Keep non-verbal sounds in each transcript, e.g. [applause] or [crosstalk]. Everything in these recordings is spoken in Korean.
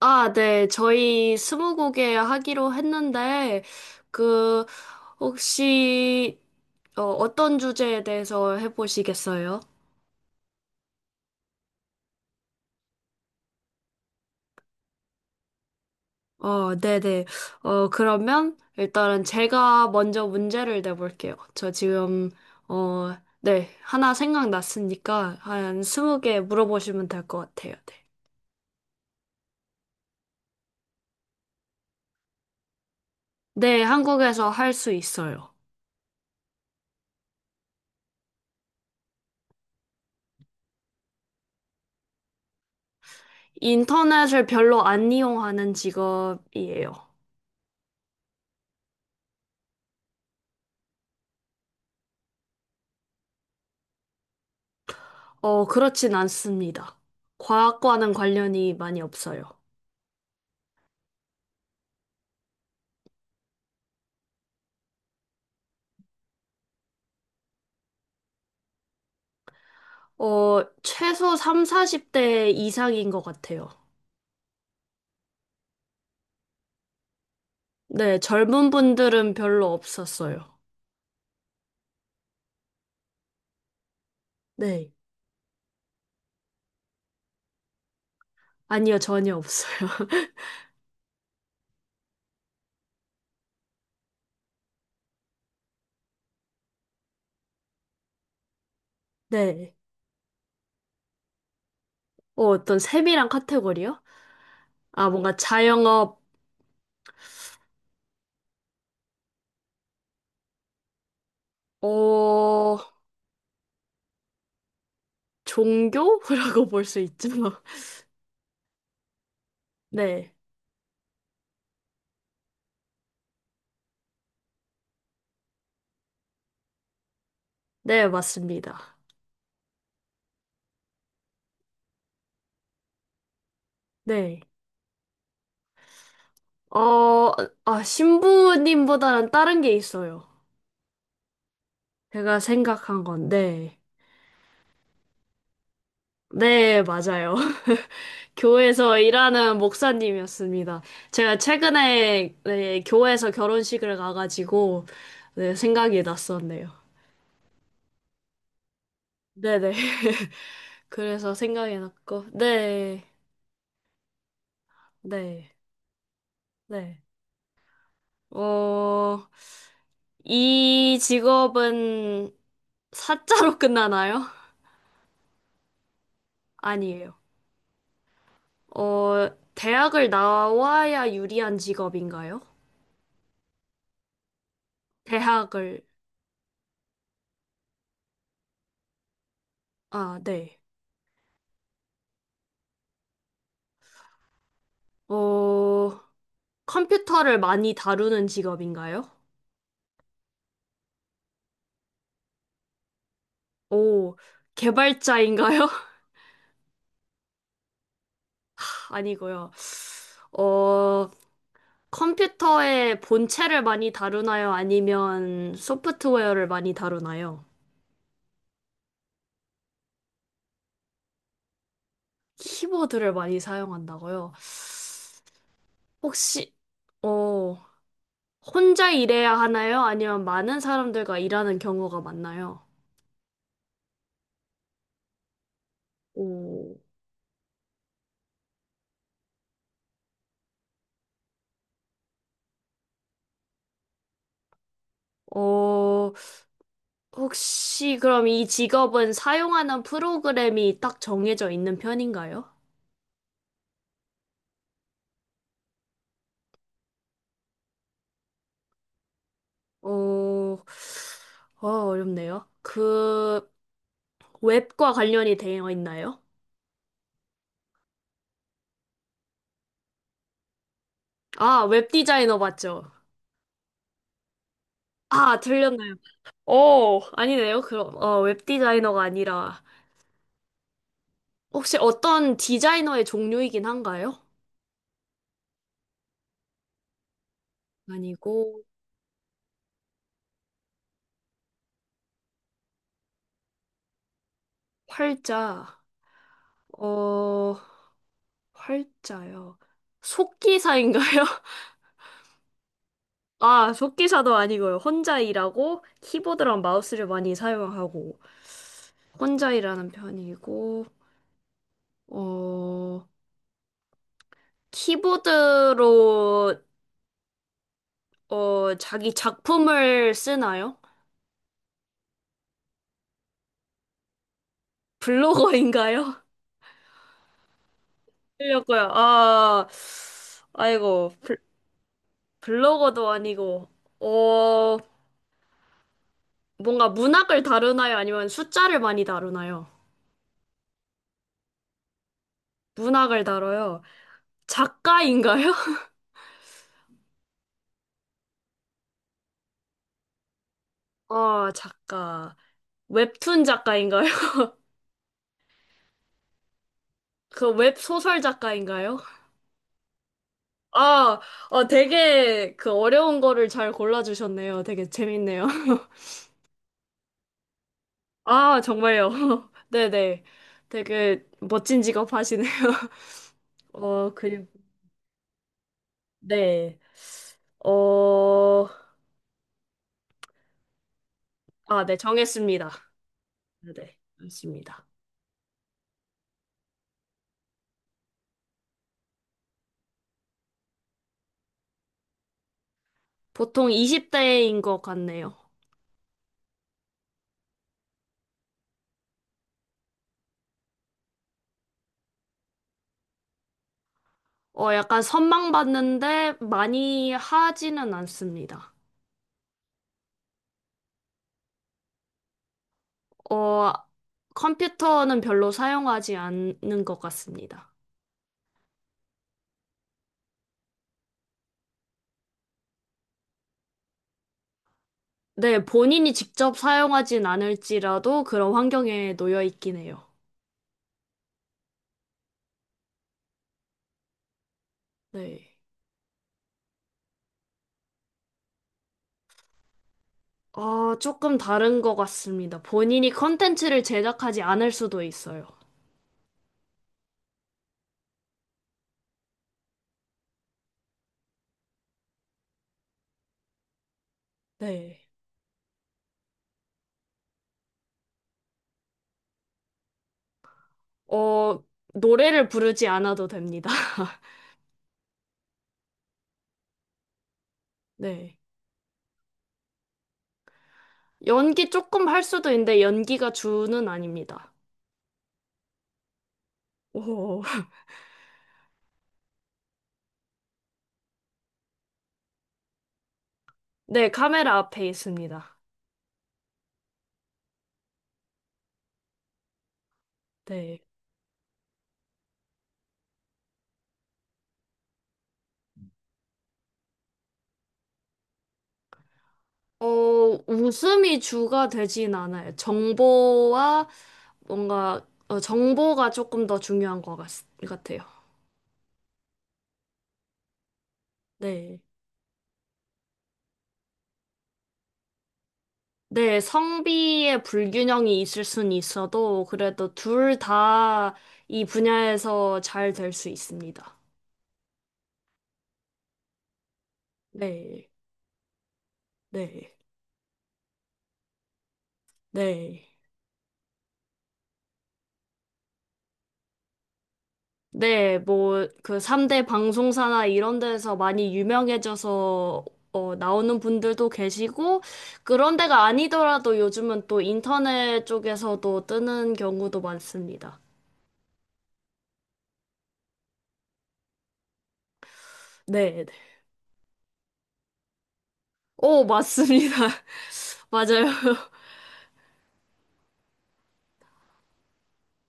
아, 네. 저희 스무고개 하기로 했는데, 그, 혹시, 어떤 주제에 대해서 해보시겠어요? 네네. 그러면 일단은 제가 먼저 문제를 내볼게요. 어, 네. 하나 생각났으니까 한 20개 물어보시면 될 것 같아요. 네. 네, 한국에서 할 수 있어요. 인터넷을 별로 안 이용하는 직업이에요. 그렇진 않습니다. 과학과는 관련이 많이 없어요. 어, 최소 3, 40대 이상인 것 같아요. 네, 젊은 분들은 별로 없었어요. 네. 아니요, 전혀 없어요. [laughs] 네. 어, 어떤 세밀한 카테고리요? 아, 뭔가 자영업, 어, 종교라고 [laughs] 볼 수 있죠. [laughs] 네. 네, 맞습니다. 네. 어, 아, 신부님보다는 다른 게 있어요. 제가 생각한 건, 네. 네, 맞아요. [laughs] 교회에서 일하는 목사님이었습니다. 제가 최근에 네, 교회에서 결혼식을 가가지고 네, 생각이 났었네요. 네네. [laughs] 그래서 생각이 났고, 네, 네, 네. 어, 이 직업은 사자로 [laughs] 끝나나요? 아니에요. 어, 대학을 나와야 유리한 직업인가요? 대학을, 아, 네. 어, 컴퓨터를 많이 다루는 직업인가요? 오, 개발자인가요? [laughs] 아니고요. 어, 컴퓨터의 본체를 많이 다루나요? 아니면 소프트웨어를 많이 다루나요? 키보드를 많이 사용한다고요? 혹시, 어, 혼자 일해야 하나요? 아니면 많은 사람들과 일하는 경우가 많나요? 오, 어, 혹시 그럼 이 직업은 사용하는 프로그램이 딱 정해져 있는 편인가요? 어, 어렵네요. 웹과 관련이 되어 있나요? 아, 웹 디자이너 맞죠? 아, 틀렸나요? 오, 아니네요. 웹 디자이너가 아니라, 혹시 어떤 디자이너의 종류이긴 한가요? 아니고, 활자, 어, 활자요. 속기사인가요? [laughs] 아, 속기사도 아니고요. 혼자 일하고, 키보드랑 마우스를 많이 사용하고, 혼자 일하는 편이고, 어, 키보드로 자기 작품을 쓰나요? 블로거인가요? [laughs] 하려고요. 아, 아이고, 블, 블로거도 아니고, 어, 뭔가 문학을 다루나요? 아니면 숫자를 많이 다루나요? 문학을 다뤄요. 작가인가요? [laughs] 아, 작가. 웹툰 작가인가요? [laughs] 그 웹소설 작가인가요? 아, 되게 그 어려운 거를 잘 골라주셨네요. 되게 재밌네요. [laughs] 아, 정말요. [laughs] 네네. 되게 멋진 직업 하시네요. [laughs] 어, 그리고, 네. 어, 아, 네, 정했습니다. 네, 맞습니다. 보통 20대인 것 같네요. 어, 약간 선망받는데 많이 하지는 않습니다. 어, 컴퓨터는 별로 사용하지 않는 것 같습니다. 네, 본인이 직접 사용하진 않을지라도 그런 환경에 놓여 있긴 해요. 네. 어, 조금 다른 것 같습니다. 본인이 컨텐츠를 제작하지 않을 수도 있어요. 네, 어, 노래를 부르지 않아도 됩니다. [laughs] 네. 연기 조금 할 수도 있는데 연기가 주는 아닙니다. 오, [laughs] 네, 카메라 앞에 있습니다. 네. 어, 웃음이 주가 되진 않아요. 정보와 정보가 조금 더 중요한 것 같, 같아요. 네. 네, 성비의 불균형이 있을 순 있어도 그래도 둘 다 이 분야에서 잘 될 수 있습니다. 네, 네, 네. 네, 뭐, 그 3대 방송사나 이런 데서 많이 유명해져서 어, 나오는 분들도 계시고, 그런 데가 아니더라도 요즘은 또 인터넷 쪽에서도 뜨는 경우도 많습니다. 네, 네. 오, 맞습니다. [laughs] 맞아요.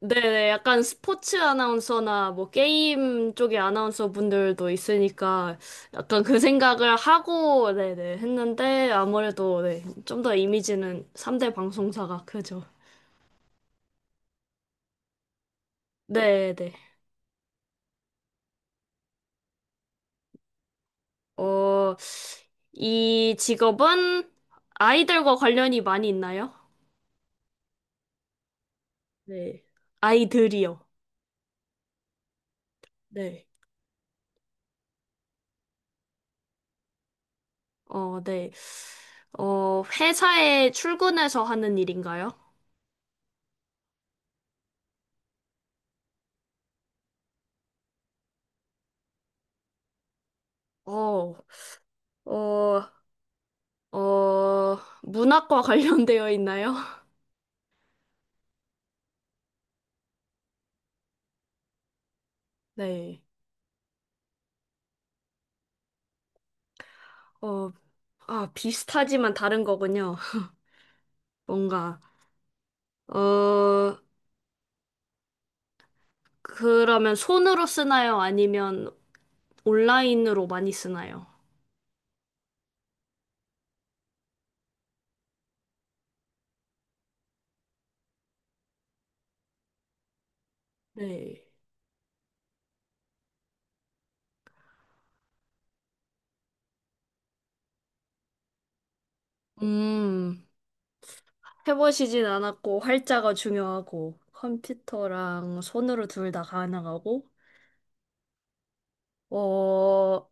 네네, 약간 스포츠 아나운서나 뭐 게임 쪽의 아나운서 분들도 있으니까 약간 그 생각을 하고, 네네, 했는데 아무래도 네, 좀 더 이미지는 3대 방송사가 크죠. 네네. 어, 이 직업은 아이들과 관련이 많이 있나요? 네. 아이들이요. 네. 어, 네. 회사에 출근해서 하는 일인가요? 어, 어, 어, 문학과 [laughs] 관련되어 있나요? [laughs] 네. 어, 아, 비슷하지만 다른 거군요. [laughs] 뭔가, 어, 그러면 손으로 쓰나요? 아니면 온라인으로 많이 쓰나요? 네. 음, 해보시진 않았고, 활자가 중요하고, 컴퓨터랑 손으로 둘 다 가능하고, 어,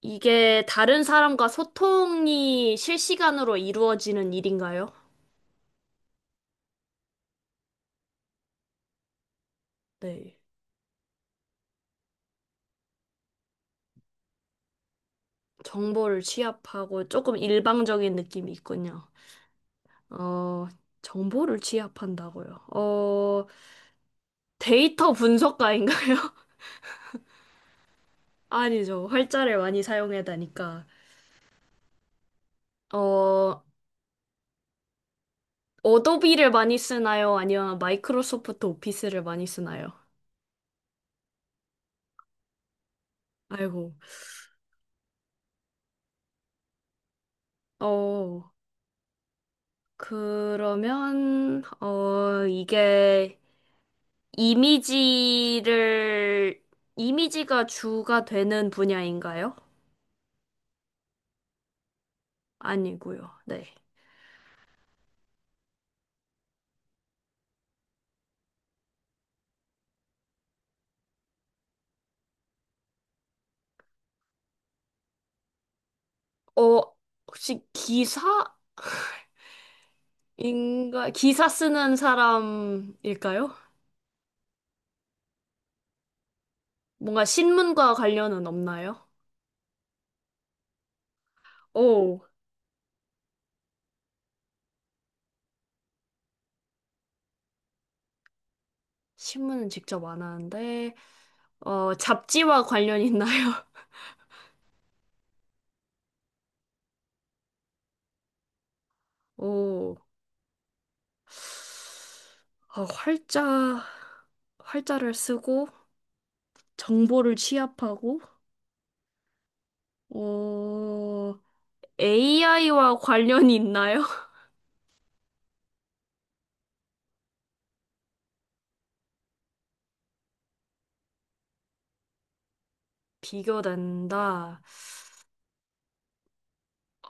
이게 다른 사람과 소통이 실시간으로 이루어지는 일인가요? 네. 정보를 취합하고 조금 일방적인 느낌이 있군요. 어, 정보를 취합한다고요. 어, 데이터 분석가인가요? [laughs] 아니죠. 활자를 많이 사용하다니까. 어, 어도비를 많이 쓰나요? 아니면 마이크로소프트 오피스를 많이 쓰나요? 아이고. 어, 이게 이미지를, 이미지가 주가 되는 분야인가요? 아니고요. 네. 어, 혹시 기사인가? 기사 쓰는 사람일까요? 뭔가 신문과 관련은 없나요? 오, 신문은 직접 안 하는데, 잡지와 관련 있나요? [laughs] 오, 어, 아, 활자, 활자를 쓰고, 정보를 취합하고, 어, AI와 관련이 있나요? [laughs] 비교된다.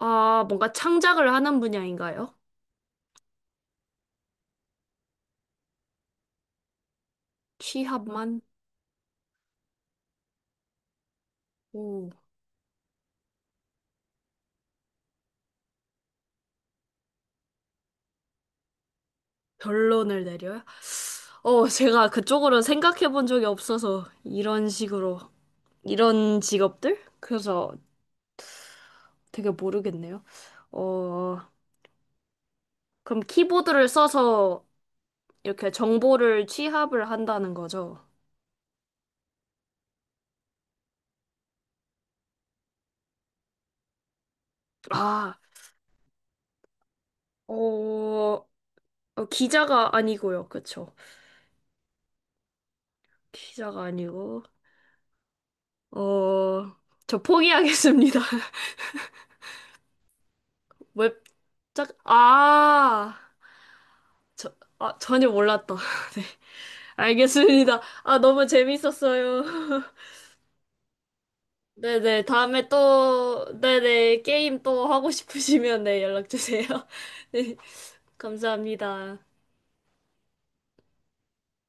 아, 뭔가 창작을 하는 분야인가요? 취합만? 오. 결론을 내려요? 어, 제가 그쪽으로 생각해 본 적이 없어서 이런 식으로 이런 직업들? 그래서 되게 모르겠네요. 어, 그럼 키보드를 써서 이렇게 정보를 취합을 한다는 거죠. 아, 어, 기자가 아니고요. 그쵸? 기자가 아니고. 어, 저 포기하겠습니다. [laughs] 웹작, 아, 저, 아, 전혀 몰랐다. [laughs] 네. 알겠습니다. 아, 너무 재밌었어요. [laughs] 네네, 다음에 또, 네네, 게임 또 하고 싶으시면 네, 연락 주세요. [laughs] 네, 감사합니다.